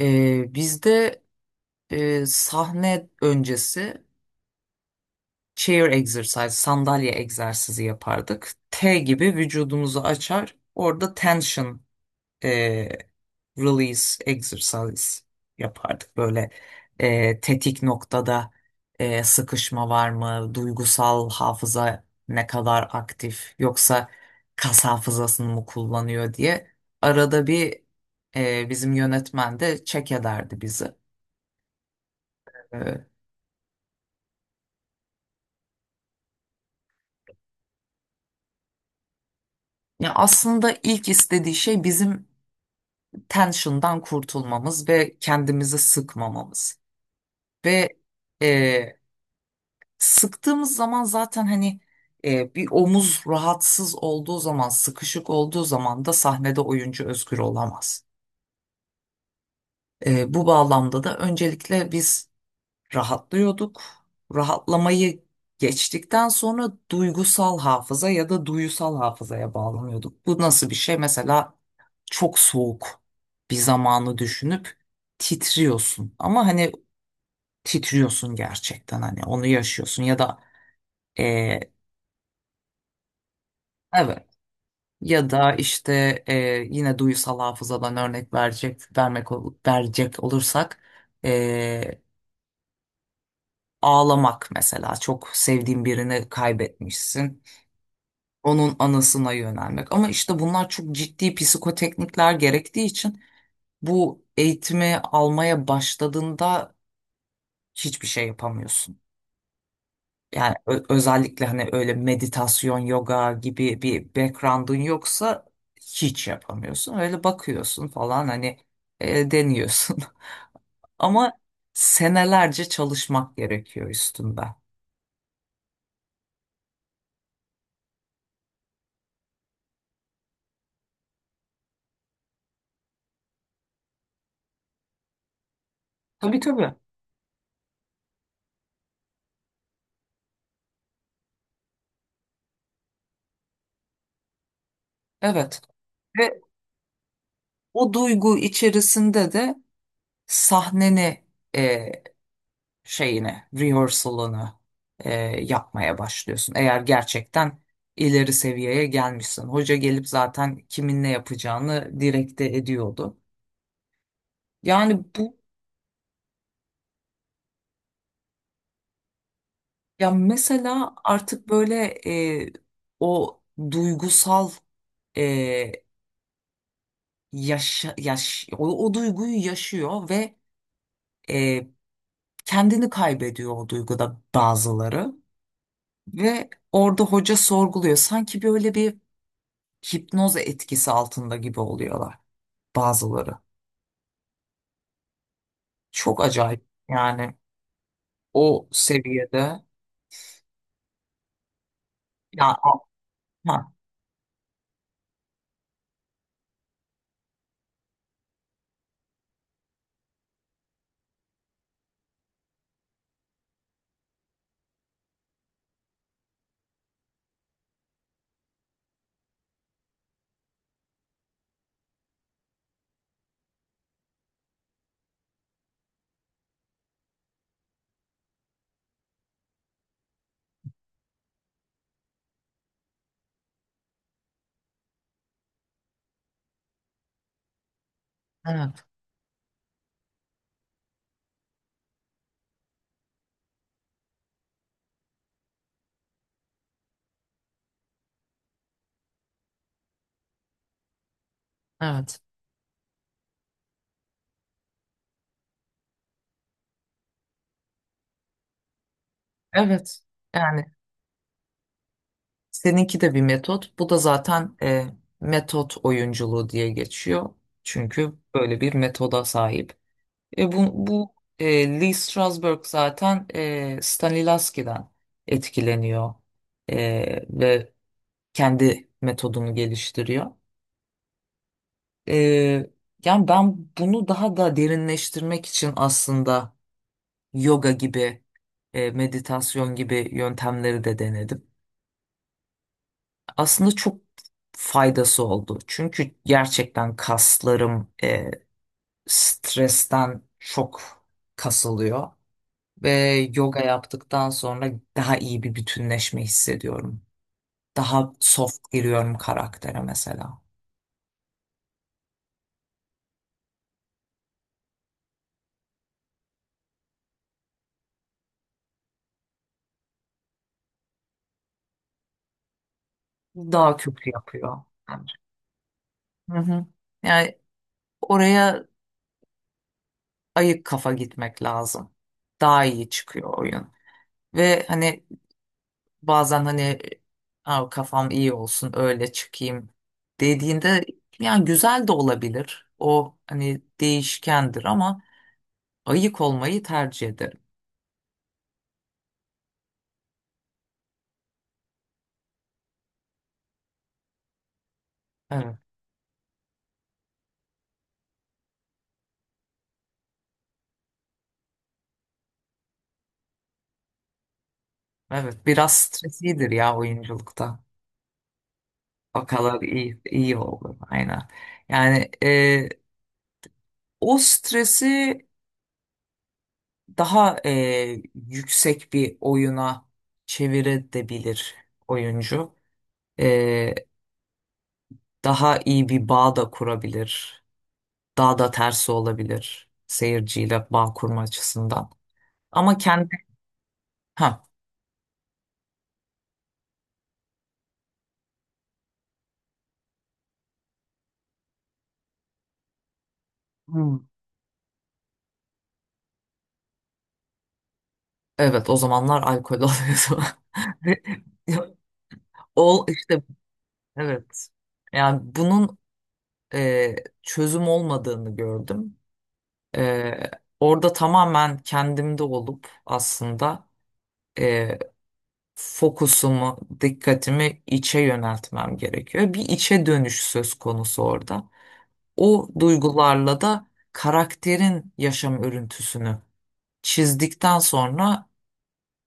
Bizde sahne öncesi chair exercise, sandalye egzersizi yapardık. T gibi vücudumuzu açar, orada tension e, release exercise yapardık. Böyle tetik noktada sıkışma var mı, duygusal hafıza ne kadar aktif, yoksa kas hafızasını mı kullanıyor diye. Arada bir bizim yönetmen de check ederdi bizi. Ya aslında ilk istediği şey bizim tension'dan kurtulmamız ve kendimizi sıkmamamız. Ve e, Sıktığımız zaman zaten hani bir omuz rahatsız olduğu zaman, sıkışık olduğu zaman da sahnede oyuncu özgür olamaz. E, bu bağlamda da öncelikle biz rahatlıyorduk. Rahatlamayı geçtikten sonra duygusal hafıza ya da duyusal hafızaya bağlanıyorduk. Bu nasıl bir şey? Mesela çok soğuk bir zamanı düşünüp titriyorsun. Ama hani titriyorsun gerçekten hani onu yaşıyorsun ya da e, evet, ya da işte yine duyusal hafızadan örnek verecek vermek ol- verecek olursak e, ağlamak, mesela çok sevdiğin birini kaybetmişsin. Onun anısına yönelmek. Ama işte bunlar çok ciddi psikoteknikler gerektiği için bu eğitimi almaya başladığında hiçbir şey yapamıyorsun. Yani özellikle hani öyle meditasyon, yoga gibi bir background'un yoksa hiç yapamıyorsun. Öyle bakıyorsun falan hani deniyorsun. Ama senelerce çalışmak gerekiyor üstünde. Tabii tabii. Evet. Ve o duygu içerisinde de sahneni e, şeyini, rehearsal'ını e, yapmaya başlıyorsun. Eğer gerçekten ileri seviyeye gelmişsin. Hoca gelip zaten kimin ne yapacağını direkte ediyordu. Yani bu Ya mesela artık böyle e, o duygusal, e, o duyguyu yaşıyor ve e, kendini kaybediyor o duyguda bazıları, ve orada hoca sorguluyor. Sanki böyle bir hipnoz etkisi altında gibi oluyorlar bazıları. Çok acayip yani o seviyede. Ya, a- ha, evet, evet, evet. Yani seninki de bir metot. Bu da zaten metot oyunculuğu diye geçiyor. Çünkü böyle bir metoda sahip. E, bu Lee Strasberg zaten Stanislavski'den etkileniyor E, ve kendi metodunu geliştiriyor. Ee, Yani ben bunu daha da derinleştirmek için aslında yoga gibi, meditasyon gibi yöntemleri de denedim. Aslında çok faydası oldu. Çünkü gerçekten kaslarım stresten çok kasılıyor ve yoga yaptıktan sonra daha iyi bir bütünleşme hissediyorum. Daha soft giriyorum karaktere mesela. Daha kötü yapıyor bence. Hı hı. Yani oraya ayık kafa gitmek lazım. Daha iyi çıkıyor oyun. Ve hani bazen hani "Aa, kafam iyi olsun, öyle çıkayım" dediğinde yani güzel de olabilir. O hani değişkendir ama ayık olmayı tercih ederim. Evet, evet biraz streslidir ya oyunculukta. O kadar iyi oldu aynen. Yani o stresi daha yüksek bir oyuna çevirebilir oyuncu. E, daha iyi bir bağ da kurabilir, daha da tersi olabilir seyirciyle bağ kurma açısından. Ama kendi ha. Hmm. Evet, o zamanlar alkol alıyordu. Ve- Ol işte Evet. Yani bunun e, çözüm olmadığını gördüm. E, orada tamamen kendimde olup aslında e, fokusumu, dikkatimi içe yöneltmem gerekiyor. Bir içe dönüş söz konusu orada. O duygularla da karakterin yaşam örüntüsünü çizdikten sonra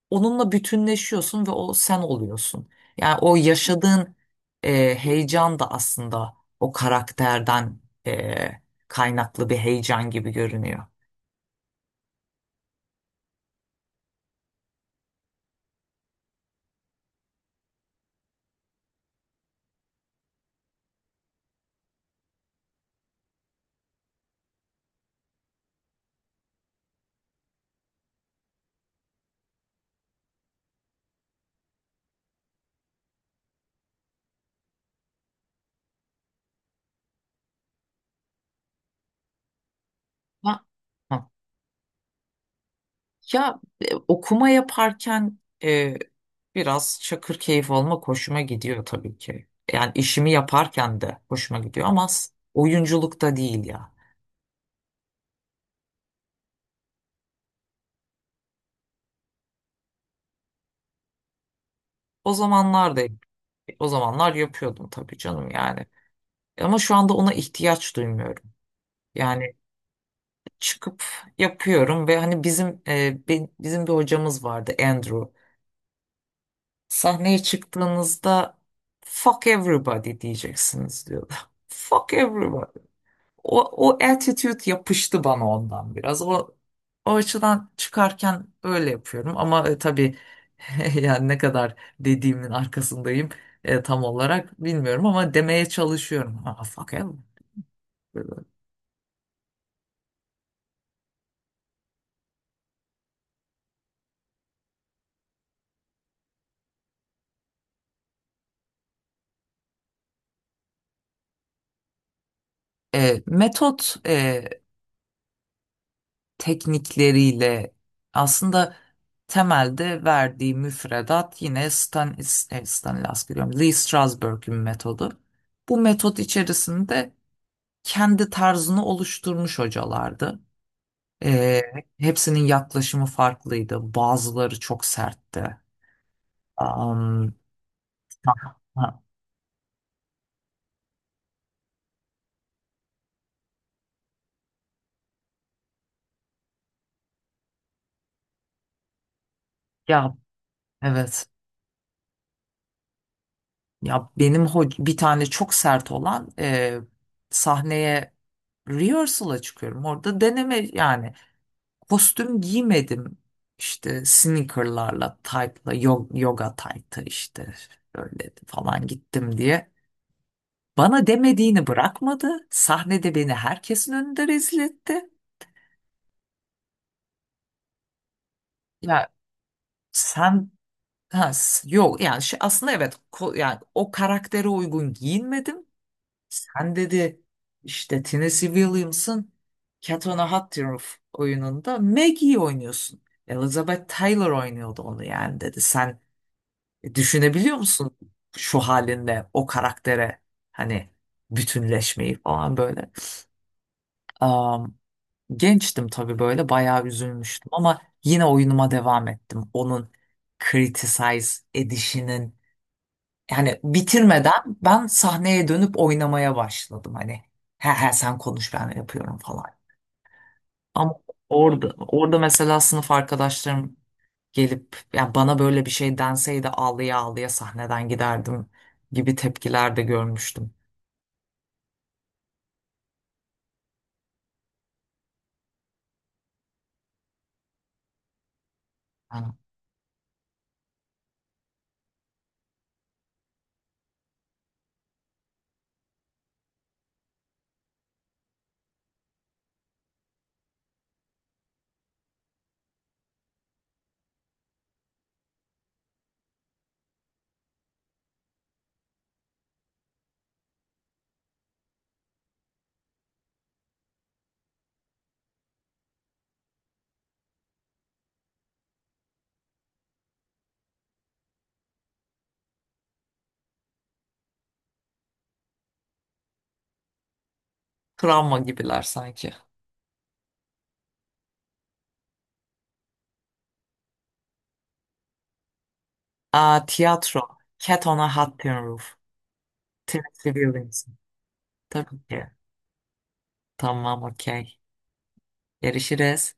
onunla bütünleşiyorsun ve o sen oluyorsun. Yani o yaşadığın heyecan da aslında o karakterden e, kaynaklı bir heyecan gibi görünüyor. Ha, ha. Ya okuma yaparken e, biraz çakır keyif olmak hoşuma gidiyor tabii ki. Yani işimi yaparken de hoşuma gidiyor ama oyunculukta değil ya. O zamanlar da o zamanlar yapıyordum tabii canım yani. Ama şu anda ona ihtiyaç duymuyorum. Yani çıkıp yapıyorum ve hani bizim bizim bir hocamız vardı, Andrew. Sahneye çıktığınızda fuck everybody diyeceksiniz diyordu. Fuck everybody. O, O attitude yapıştı bana ondan biraz. O açıdan çıkarken öyle yapıyorum. Ama tabii yani ne kadar dediğimin arkasındayım tam olarak bilmiyorum ama demeye çalışıyorum. Ha, fuck hell. Böyle. E, metot teknikleriyle aslında temelde verdiği müfredat yine Stanislas diyorum, Lee Strasberg'in metodu. Bu metot içerisinde kendi tarzını oluşturmuş hocalardı. Ee, Hepsinin yaklaşımı farklıydı. Bazıları çok sertti. Am, ha- ha- Ya evet. Ya benim bir tane çok sert olan sahneye rehearsal'a çıkıyorum. Orada deneme yani. Kostüm giymedim. İşte sneakerlarla, tight'la, yoga tight'ı işte böyle falan gittim diye. Bana demediğini bırakmadı. Sahnede beni herkesin önünde rezil etti. Ya sen ha, yok yani şey, aslında evet, yani o karaktere uygun giyinmedim. Sen dedi işte Tennessee Williams'ın Cat on a Hot Tin Roof oyununda Maggie'yi oynuyorsun. Elizabeth Taylor oynuyordu onu yani dedi. Düşünebiliyor musun şu halinle o karaktere hani bütünleşmeyi falan böyle. Am, Gençtim tabii, böyle bayağı üzülmüştüm ama yine oyunuma devam ettim. Onun criticize edişinin yani bitirmeden ben sahneye dönüp oynamaya başladım hani. He he, sen konuş ben yapıyorum falan. Ama orada, orada mesela sınıf arkadaşlarım gelip ya bana böyle bir şey denseydi ağlaya ağlaya sahneden giderdim gibi tepkiler de görmüştüm. Yani travma gibiler sanki. Aa, tiyatro. Cat on a Hot Tin Roof. Tennessee Williamson. Tabii ki. Tamam, okey. Görüşürüz.